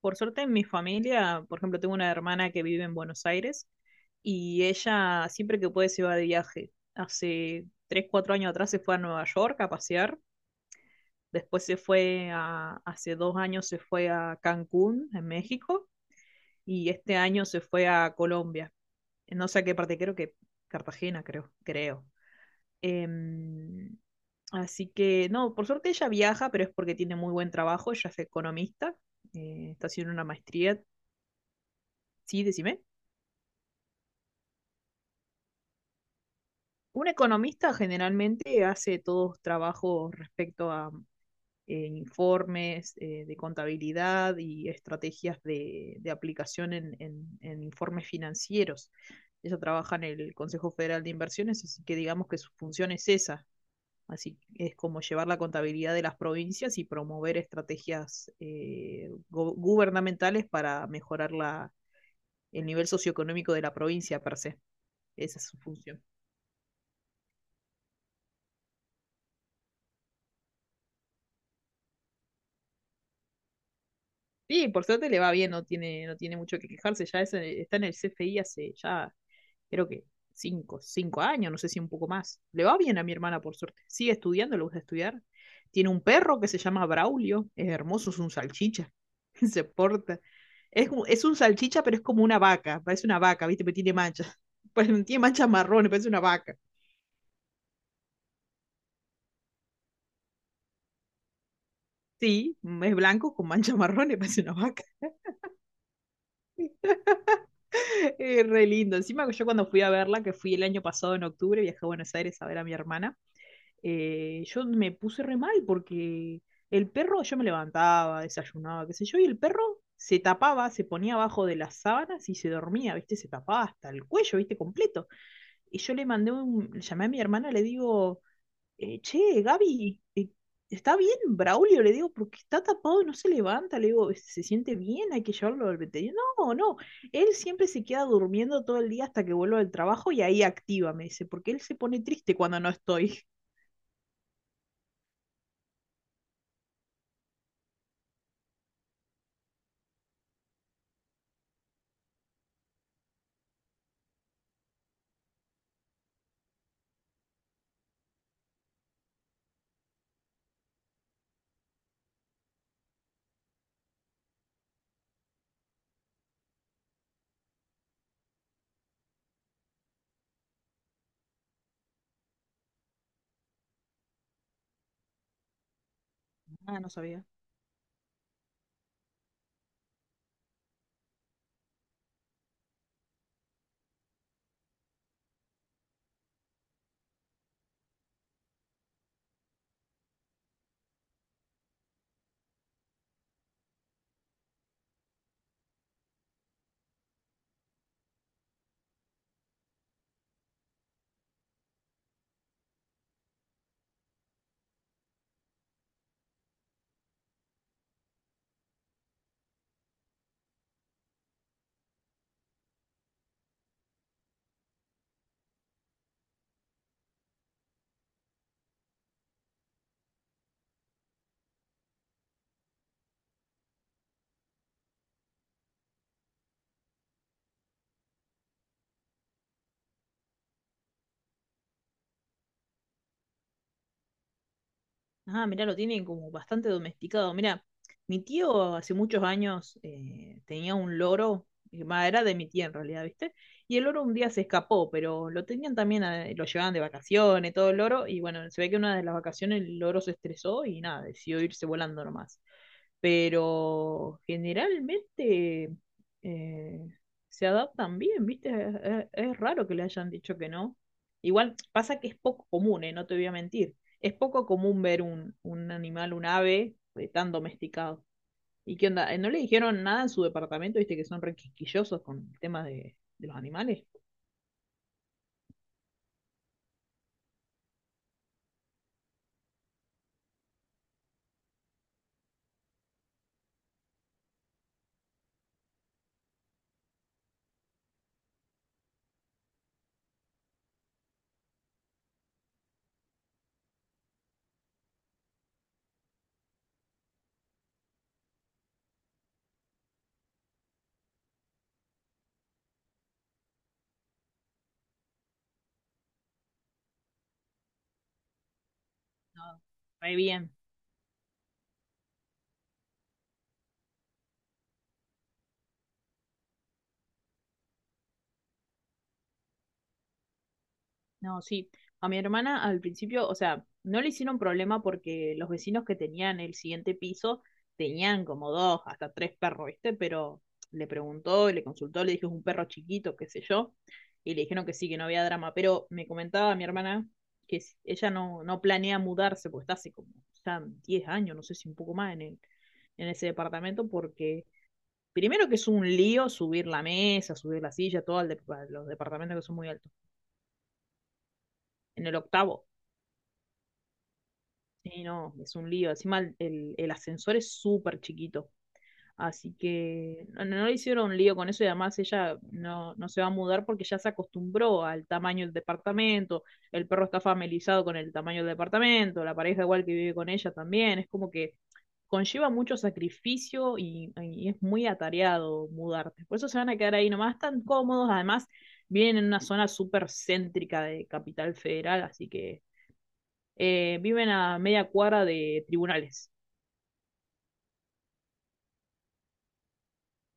Por suerte en mi familia, por ejemplo, tengo una hermana que vive en Buenos Aires y ella siempre que puede se va de viaje. Hace tres, cuatro años atrás se fue a Nueva York a pasear, después hace dos años se fue a Cancún, en México, y este año se fue a Colombia. No sé a qué parte, creo que Cartagena, creo, creo. Em, Así que, no, por suerte ella viaja, pero es porque tiene muy buen trabajo, ella es economista, está haciendo una maestría. Sí, decime. Un economista generalmente hace todos trabajos respecto a informes de contabilidad y estrategias de aplicación en informes financieros. Ella trabaja en el Consejo Federal de Inversiones, así que digamos que su función es esa. Así es como llevar la contabilidad de las provincias y promover estrategias gubernamentales para mejorar el nivel socioeconómico de la provincia per se. Esa es su función. Sí, por suerte le va bien, no tiene mucho que quejarse. Está en el CFI hace ya, creo que cinco, cinco años, no sé si un poco más. Le va bien a mi hermana, por suerte. Sigue estudiando, le gusta estudiar. Tiene un perro que se llama Braulio, es hermoso, es un salchicha. Se porta. Es un salchicha, pero es como una vaca, parece una vaca, ¿viste? Pero tiene manchas. Pues, tiene manchas marrones, parece una vaca. Sí, es blanco con manchas marrones, parece una vaca. Re lindo. Encima que yo cuando fui a verla, que fui el año pasado en octubre, viajé a Buenos Aires a ver a mi hermana, yo me puse re mal porque el perro, yo me levantaba, desayunaba, qué sé yo, y el perro se tapaba, se ponía abajo de las sábanas y se dormía, ¿viste? Se tapaba hasta el cuello, ¿viste? Completo. Y yo le llamé a mi hermana, le digo, che, Gaby, ¿está bien Braulio? Le digo, porque está tapado y no se levanta. Le digo, ¿se siente bien? Hay que llevarlo al veterinario. No, no, él siempre se queda durmiendo todo el día hasta que vuelvo del trabajo y ahí activa, me dice, porque él se pone triste cuando no estoy. Ah, no sabía. Ah, mirá, lo tienen como bastante domesticado. Mira, mi tío hace muchos años tenía un loro, va, era de mi tía en realidad, ¿viste? Y el loro un día se escapó, pero lo tenían también, lo llevaban de vacaciones, todo el loro, y bueno, se ve que una de las vacaciones el loro se estresó y nada, decidió irse volando nomás, pero generalmente eh, se adaptan bien, ¿viste? Es raro que le hayan dicho que no. Igual pasa que es poco común, ¿eh? No te voy a mentir. Es poco común ver un animal, un ave tan domesticado. ¿Y qué onda? ¿No le dijeron nada en su departamento? ¿Viste que son re quisquillosos con el tema de los animales? No, re bien. No, sí. A mi hermana al principio, o sea, no le hicieron problema porque los vecinos que tenían el siguiente piso tenían como dos, hasta tres perros, ¿viste? Pero le preguntó, le consultó, le dijo es un perro chiquito, qué sé yo, y le dijeron que sí, que no había drama. Pero me comentaba mi hermana que ella no planea mudarse, porque está hace como ya 10 años, no sé si un poco más en ese departamento, porque primero que es un lío subir la mesa, subir la silla, todo a los departamentos que son muy altos. En el octavo. Sí, no, es un lío. Encima el ascensor es súper chiquito. Así que no, no le hicieron un lío con eso y además ella no, no se va a mudar porque ya se acostumbró al tamaño del departamento. El perro está familiarizado con el tamaño del departamento, la pareja igual que vive con ella también. Es como que conlleva mucho sacrificio y es muy atareado mudarte. Por eso se van a quedar ahí nomás tan cómodos. Además, vienen en una zona súper céntrica de Capital Federal, así que viven a media cuadra de tribunales.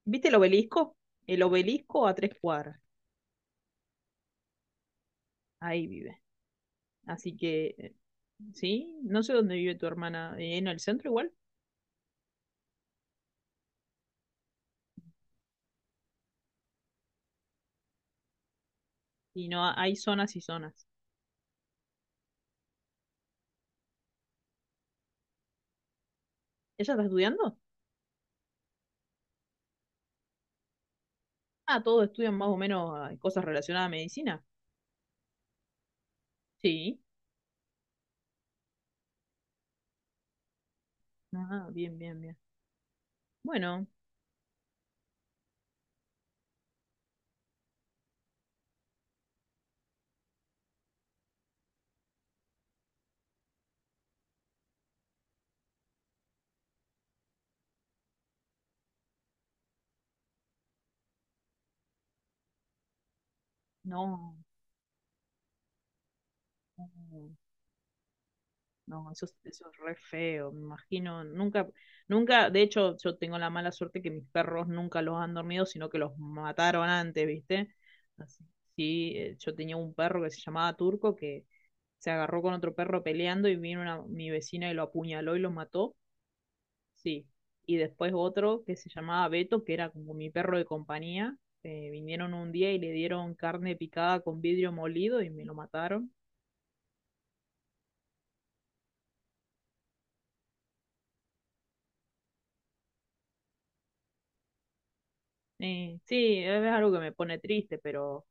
¿Viste el obelisco? El obelisco a tres cuadras. Ahí vive. Así que, sí, no sé dónde vive tu hermana. ¿En el centro igual? Y no, hay zonas y zonas. ¿Ella está estudiando? Ah, todos estudian más o menos ah, cosas relacionadas a medicina. Sí. Ah, bien, bien, bien. Bueno, no. No. No. No, eso, eso es re feo, me imagino. Nunca, nunca, de hecho, yo tengo la mala suerte que mis perros nunca los han dormido, sino que los mataron antes, ¿viste? Así, sí, yo tenía un perro que se llamaba Turco que se agarró con otro perro peleando y vino mi vecina y lo apuñaló y lo mató, sí. Y después otro que se llamaba Beto, que era como mi perro de compañía, vinieron un día y le dieron carne picada con vidrio molido y me lo mataron. Sí, es algo que me pone triste, pero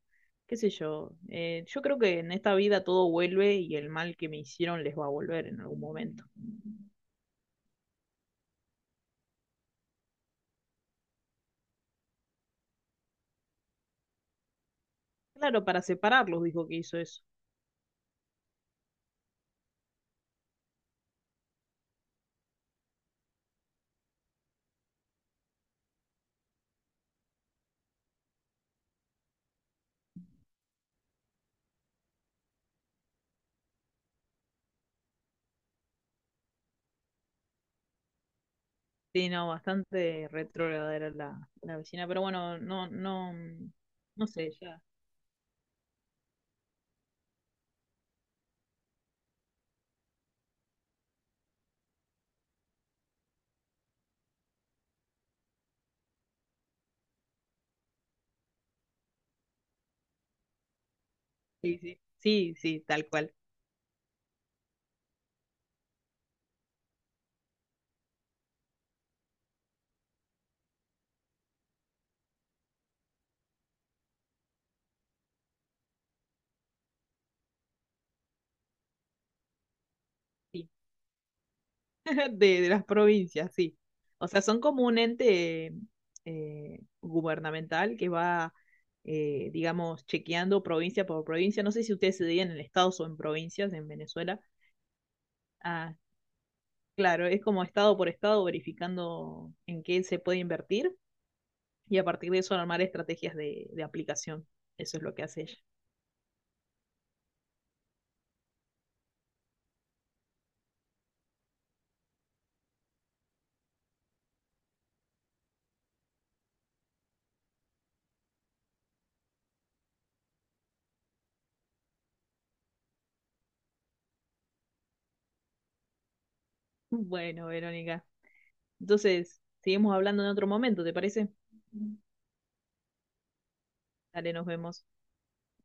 qué sé yo. Yo creo que en esta vida todo vuelve y el mal que me hicieron les va a volver en algún momento. Claro, para separarlos dijo que hizo eso. Sí, no, bastante retrógrada era la vecina, pero bueno, no, no, no sé, ya. Sí, sí. Sí, sí, tal cual. De las provincias, sí. O sea, son como un ente gubernamental que va, digamos, chequeando provincia por provincia. No sé si ustedes se dirían en estados o en provincias en Venezuela. Ah, claro, es como estado por estado verificando en qué se puede invertir y a partir de eso armar estrategias de aplicación. Eso es lo que hace ella. Bueno, Verónica. Entonces, seguimos hablando en otro momento, ¿te parece? Dale, nos vemos.